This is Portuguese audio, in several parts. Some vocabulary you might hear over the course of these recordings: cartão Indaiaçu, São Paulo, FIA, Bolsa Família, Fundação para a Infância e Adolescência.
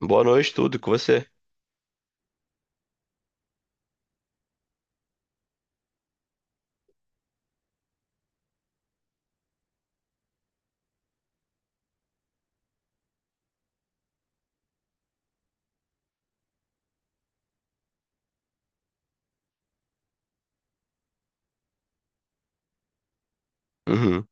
Boa noite, tudo com você. Uhum,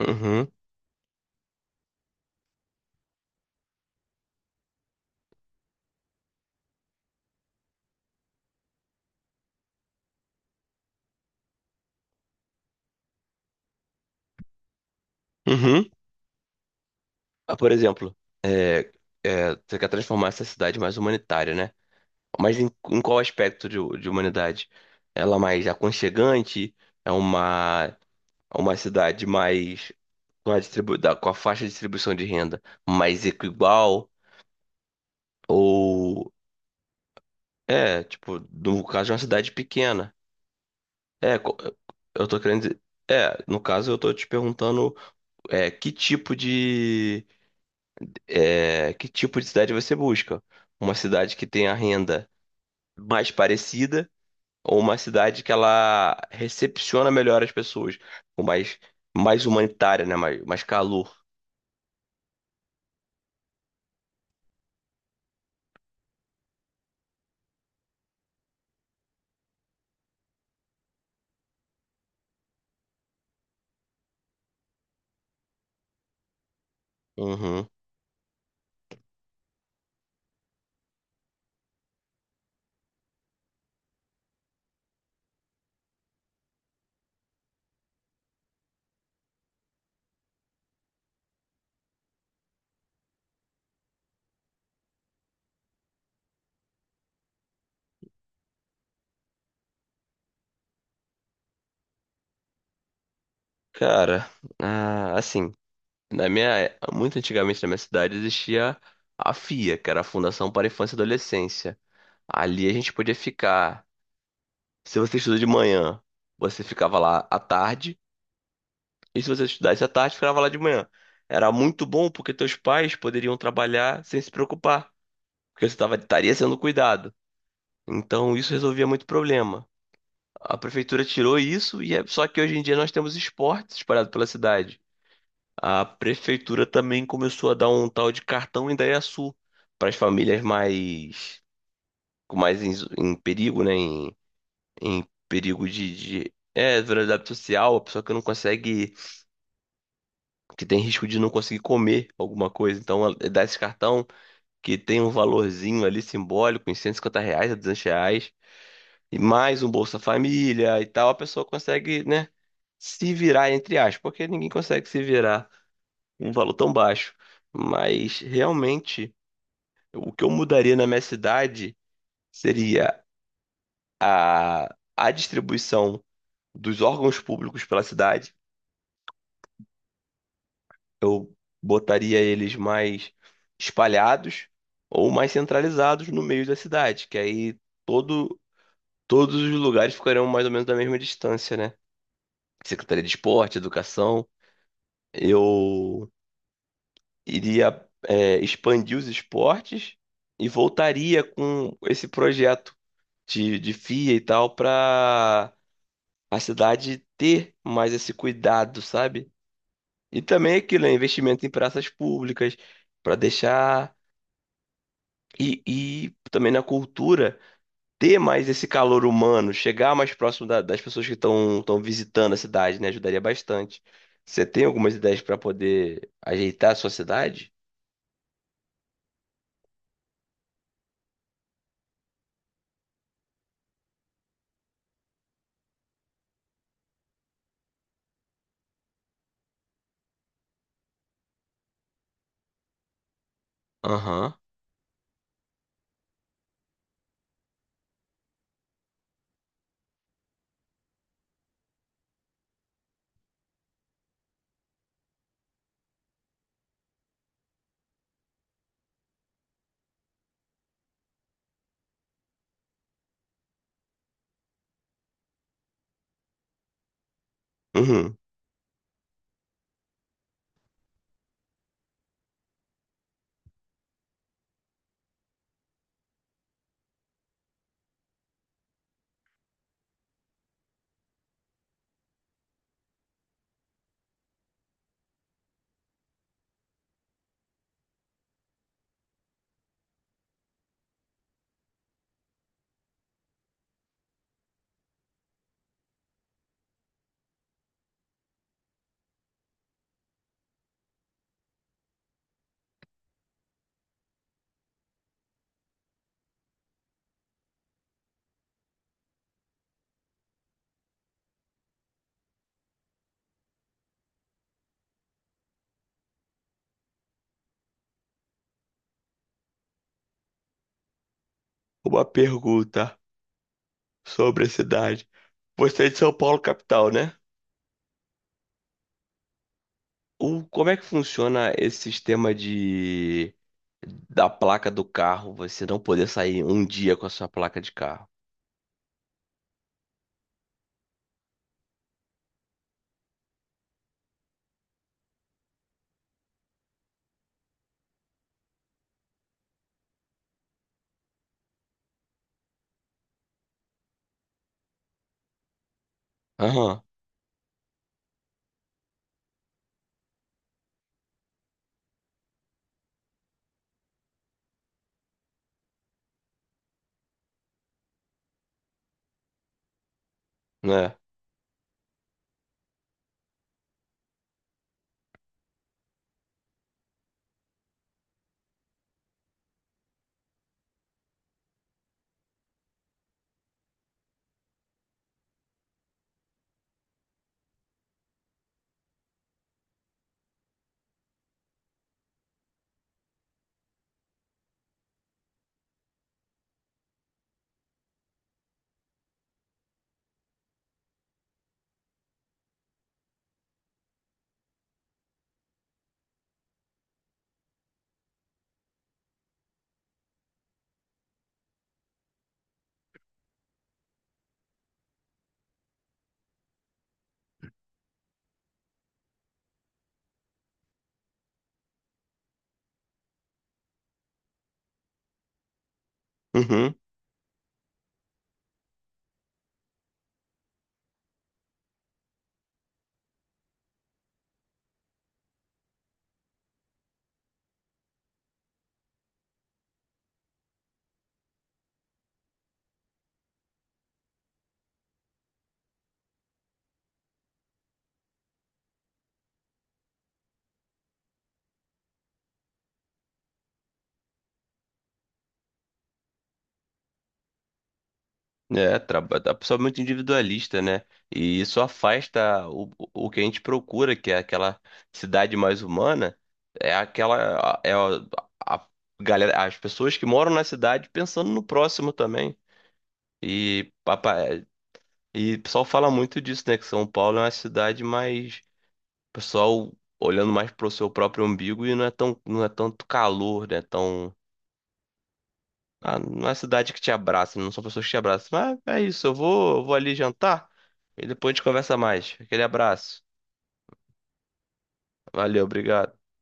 uhum, uhum. Por exemplo, é, você quer transformar essa cidade mais humanitária, né? Mas em qual aspecto de humanidade? Ela mais aconchegante? É uma, uma cidade mais com a faixa de distribuição de renda mais equal? Ou tipo, no caso de uma cidade pequena? É, co- eu tô querendo dizer. É, no caso eu tô te perguntando que tipo de que tipo de cidade você busca. Uma cidade que tenha renda mais parecida ou uma cidade que ela recepciona melhor as pessoas, com mais, mais humanitária, né? Mais calor. Uhum. Cara, ah, assim, na minha, muito antigamente na minha cidade existia a FIA, que era a Fundação para a Infância e Adolescência. Ali a gente podia ficar. Se você estuda de manhã, você ficava lá à tarde. E se você estudasse à tarde, ficava lá de manhã. Era muito bom porque teus pais poderiam trabalhar sem se preocupar, porque estaria sendo cuidado. Então isso resolvia muito problema. A prefeitura tirou isso só que hoje em dia nós temos esportes espalhados pela cidade. A prefeitura também começou a dar um tal de cartão Indaiaçu para as famílias mais com mais em, em perigo, né? Em perigo de é, vulnerabilidade social, a pessoa que não consegue que tem risco de não conseguir comer alguma coisa. Então, a- dá esse cartão que tem um valorzinho ali simbólico, em R$ 150 a R$ 200, e mais um Bolsa Família e tal, a pessoa consegue, né, se virar, entre aspas, porque ninguém consegue se virar com um valor tão baixo. Mas, realmente, o que eu mudaria na minha cidade seria a distribuição dos órgãos públicos pela cidade eu botaria eles mais espalhados ou mais centralizados no meio da cidade, que aí todo, todos os lugares ficariam mais ou menos da mesma distância, né? Secretaria de Esporte, Educação. Eu iria, é, expandir os esportes e voltaria com esse projeto de FIA e tal para a cidade ter mais esse cuidado, sabe? E também aquilo, é investimento em praças públicas para deixar e também na cultura ter mais esse calor humano, chegar mais próximo da- das pessoas que estão visitando a cidade, né? Ajudaria bastante. Você tem algumas ideias para poder ajeitar a sua cidade? Aham. Uhum. Uma pergunta sobre a cidade. Você é de São Paulo, capital, né? O, como é que funciona esse sistema de da placa do carro, você não poder sair um dia com a sua placa de carro? Aham, né? Uhum. É, traba- a pessoa é muito individualista, né? E isso afasta o que a gente procura, que é aquela cidade mais humana, é aquela a galera, as pessoas que moram na cidade pensando no próximo também. E papai, e o pessoal fala muito disso, né? Que São Paulo é uma cidade mais o pessoal olhando mais pro seu próprio umbigo e não é tanto calor, né? Ah, não é cidade que te abraça, não são pessoas que te abraçam. Mas é isso, eu vou ali jantar e depois a gente conversa mais. Aquele abraço. Valeu, obrigado.